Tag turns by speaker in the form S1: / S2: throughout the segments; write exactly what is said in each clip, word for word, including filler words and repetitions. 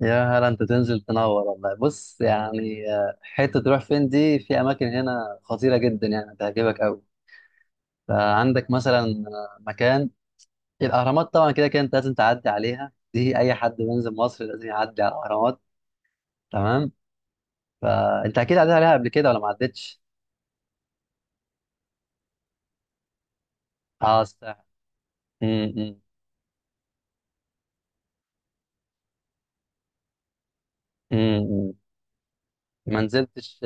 S1: يا هلا، انت تنزل تنور والله. بص يعني، آه، حته تروح فين دي؟ في اماكن هنا خطيره جدا، يعني هتعجبك قوي. فعندك مثلا آه، مكان الاهرامات. طبعا كده كده انت لازم تعدي عليها، دي اي حد بينزل مصر لازم يعدي على الاهرامات، تمام؟ فانت اكيد عديت عليها قبل كده ولا ما عدتش؟ اه صح. ما نزلتش.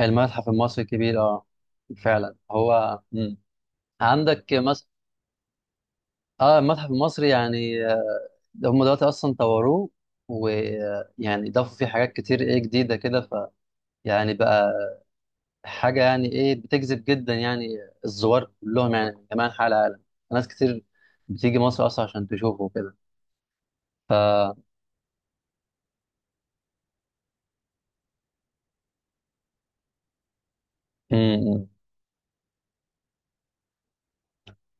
S1: المتحف المصري الكبير، اه. فعلا هو. مم. عندك مثلا، اه، المتحف المصري يعني، ده هم دلوقتي اصلا طوروه، ويعني ضافوا فيه حاجات كتير، ايه، جديده كده. ف يعني بقى حاجه يعني ايه، بتجذب جدا يعني الزوار كلهم، يعني من جميع انحاء العالم، ناس كتير بتيجي مصر اصلا عشان تشوفه كده. ف مم.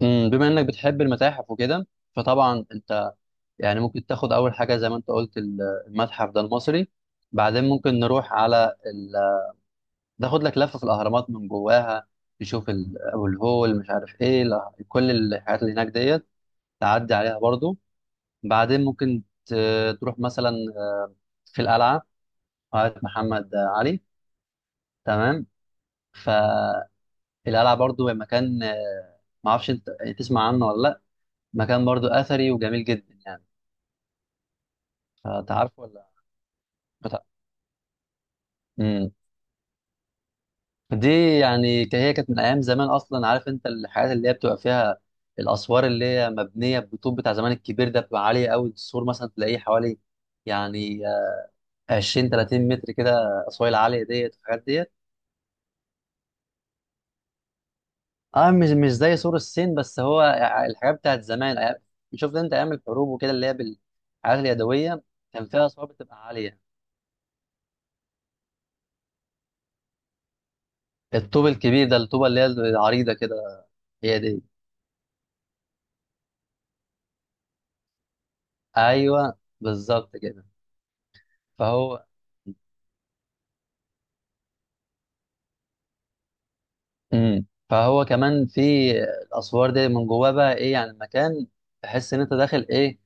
S1: مم. بما انك بتحب المتاحف وكده، فطبعا انت يعني ممكن تاخد اول حاجه زي ما انت قلت ال- المتحف ده المصري، بعدين ممكن نروح على، تاخد لك لفه في الاهرامات من جواها، تشوف ال- ابو الهول، مش عارف ايه، لا. كل الحاجات اللي هناك ديت تعدي عليها برضو. بعدين ممكن ت- تروح مثلا آه، في القلعه، قلعه محمد علي، تمام. فالقلعه برضو هي مكان، آه، ما اعرفش انت تسمع عنه ولا لا. مكان برضو اثري وجميل جدا يعني. فانت عارفه ولا؟ بتاع، دي يعني ك- هي كانت من ايام زمان اصلا، عارف انت الحاجات اللي هي بتبقى فيها، الاسوار اللي هي مبنيه بالطوب بتاع زمان الكبير ده، بتبقى عاليه قوي. السور مثلا تلاقيه حوالي يعني، آه، عشرين تلاتين متر كده، اسوار العاليه ديت والحاجات ديت. اه، مش مش زي سور الصين، بس هو ع- الحاجات بتاعت زمان، أيام- شفت انت ايام الحروب وكده، اللي هي بالحاجات اليدويه، كان فيها اسوار بتبقى عاليه. الطوب الكبير ده، الطوبه اللي هي العريضه كده، هي دي. ايوه بالظبط كده. فهو امم فهو كمان في الاسوار دي من جواه، بقى ايه، يعني المكان تحس ان انت داخل ايه،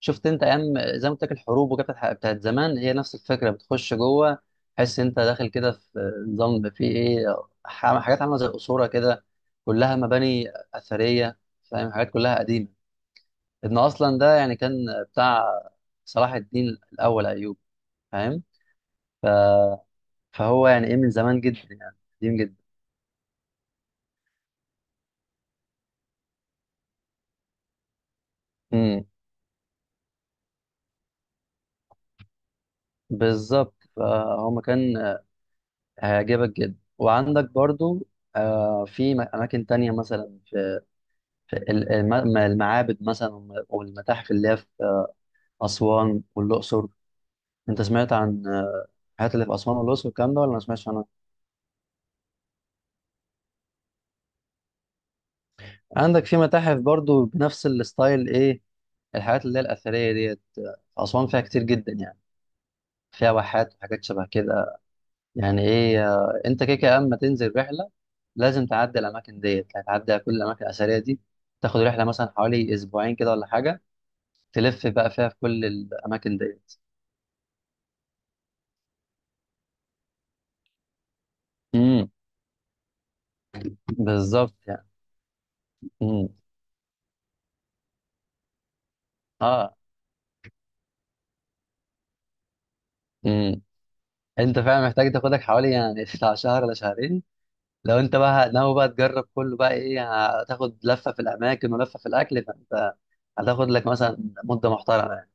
S1: شفت انت ايام زي ما قلت لك الحروب وكده، بتاعت بتاعت زمان، هي نفس الفكره. بتخش جوه، تحس انت داخل كده في نظام، في ايه، ح- حاجات عامله زي قصوره كده، كلها مباني اثريه، فاهم، حاجات كلها قديمه. ابن اصلا ده يعني كان بتاع صلاح الدين الاول ايوب، فاهم؟ فهو يعني ايه من زمان جدا، يعني قديم جدا. امم بالظبط، فهو مكان هيعجبك جدا. وعندك برضو آه، في م- أماكن تانية، مثلا في في ال- الم- المعابد مثلا، والم- والمتاحف اللي هي في آه، أسوان والأقصر. أنت سمعت عن آه، الحاجات اللي في أسوان والأقصر والكلام ده ولا ما سمعتش عنها؟ عندك في متاحف برضو بنفس الستايل، إيه، الحاجات اللي هي الأثرية ديت آه، في أسوان فيها كتير جدا يعني، فيها واحات وحاجات شبه كده. يعني إيه، آه، أنت كده كده أما تنزل رحلة لازم تعدي الأماكن ديت، هتعدي على كل الأماكن الأثرية دي. تاخد رحلة مثلا حوالي أسبوعين كده ولا حاجة، تلف بقى فيها في كل الاماكن ديت. امم بالظبط يعني. امم. اه. امم انت فعلا محتاج تاخدك حوالي يعني بتاع شهر ولا شهرين. لو انت بقى ناوي بقى تجرب كله، بقى ايه، هتاخد لفه في الاماكن ولفه في الاكل. فانت هتاخد لك مثلا مده محترمه يعني.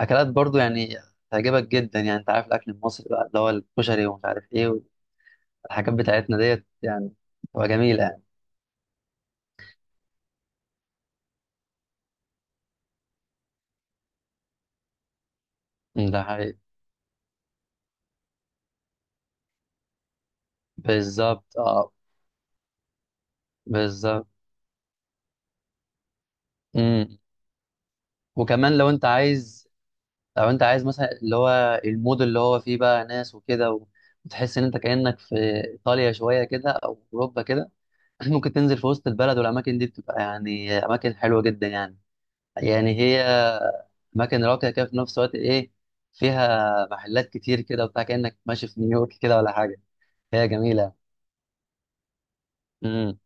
S1: اكلات برضو يعني تعجبك جدا، يعني انت عارف الاكل المصري بقى، اللي هو الكشري ومش عارف ايه، والحاجات بتاعتنا ديت يعني، تبقى جميله. يعني ده حقيقي. بالظبط، اه. بالظبط. امم وكمان لو انت عايز، لو انت عايز مثلا اللي هو المود، اللي هو فيه بقى ناس وكده و- وتحس ان انت كأنك في ايطاليا شوية كده، او اوروبا كده. ممكن تنزل في وسط البلد، والاماكن دي بتبقى يعني اماكن حلوة جدا يعني، يعني هي اماكن راقية كده، في نفس الوقت ايه، فيها محلات كتير كده وبتاع، كأنك ماشي في نيويورك كده ولا حاجة. هي جميلة. امم.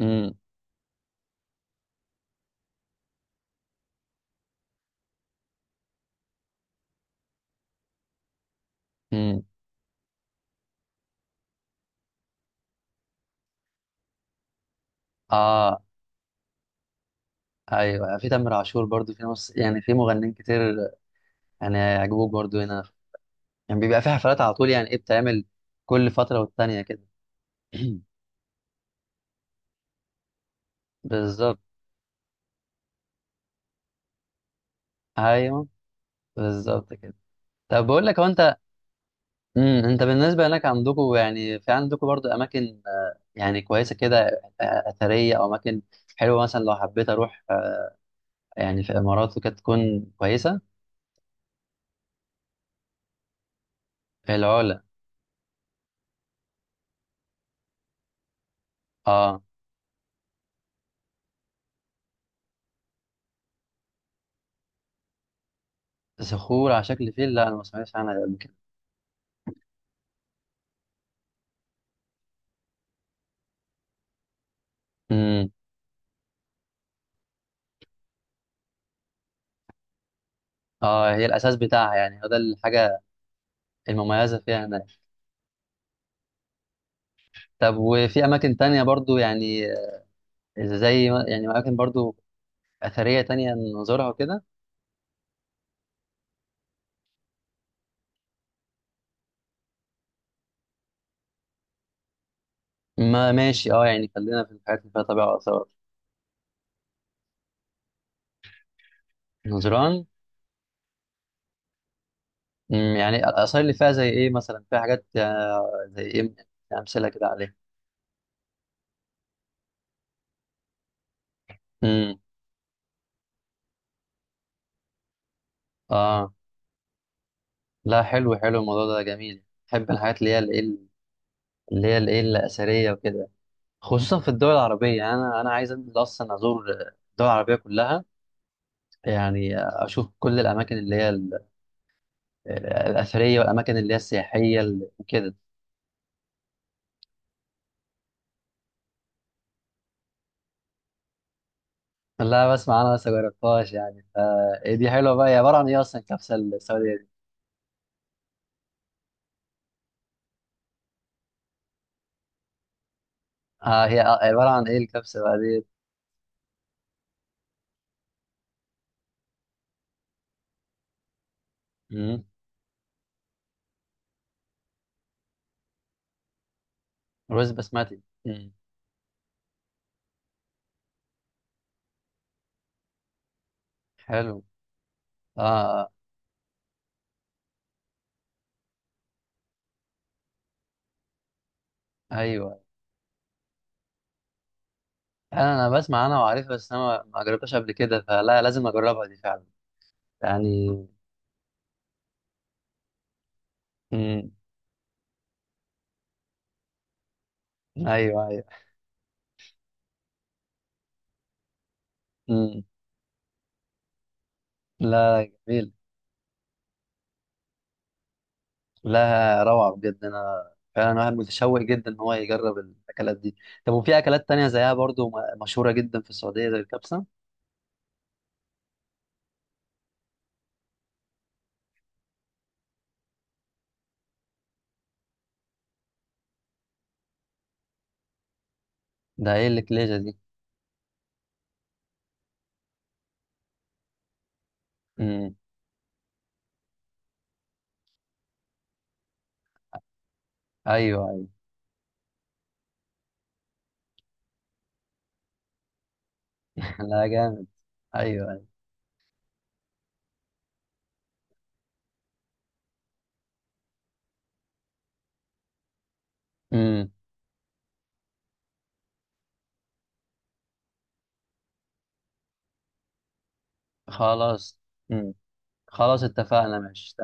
S1: امم. امم اه. ايوه، في تامر عاشور برضو، في نص يعني، في مغنيين كتير، يعني هيعجبوك برضو. هنا يعني بيبقى في حفلات على طول، يعني ايه، بتعمل كل فترة والتانية كده. بالظبط. ايوه بالظبط كده. طب بقول لك، هو انت، امم انت بالنسبة هناك عندكم، يعني في عندكم برضو اماكن، آه، يعني كويسة كده، آه، آه، اثرية، او اماكن حلوة، مثلا لو حبيت اروح آه، يعني في امارات وكده تكون كويسة. العلا. اه، صخور على شكل فيل، لا، انا ما سمعتش عنها قبل كده. امم. اه، هي الاساس بتاعها، يعني هو ده الحاجة المميزة فيها هناك. طب وفي اماكن تانية برضو يعني، زي ما- يعني اماكن برضو اثريه تانية نزورها وكده؟ ما ماشي، اه، يعني خلينا في الحاجات اللي فيها طبيعه واثار. نزران. مم، يعني الاثار اللي فيها زي ايه؟ مثلا فيها حاجات، آه، زي ايه يعني، امثله كده عليها. امم. اه. لا حلو، حلو الموضوع ده، جميل، بحب الحاجات اللي هي الايه، اللي هي الايه الاثريه وكده، خصوصا في الدول العربيه. يعني انا انا عايز انزل اصلا ازور الدول العربيه كلها، يعني اشوف كل الاماكن اللي هي ال- آه، الاثريه، والاماكن اللي هي السياحيه وكده. لا، بسمع انا بس مجربتهاش يعني، فا إيه، دي حلوه بقى، هي عباره عن ايه اصلا الكبسه السعوديه دي؟ آه، هي عباره عن ايه الكبسه بقى دي؟ مم. رز بسمتي، مم. حلو. اه، آه. ايوه، انا انا بسمع انا وعارفها، بس انا ما ما جربتهاش قبل كده، فلا، لازم اجربها دي فعلا يعني. مم. ايوه ايوه. مم. لا جميل. لا، روعه بجد، انا فعلا واحد متشوق جدا ان هو يجرب الاكلات دي. طب وفي اكلات تانية زيها برضو، م- مشهوره جدا في السعوديه زي الكبسه؟ ده ايه اللي كليجة؟ امم. ايوه ايوه. لا جامد. ايوه ايوه. امم. خلاص. امم. خلاص، اتفقنا ماشي.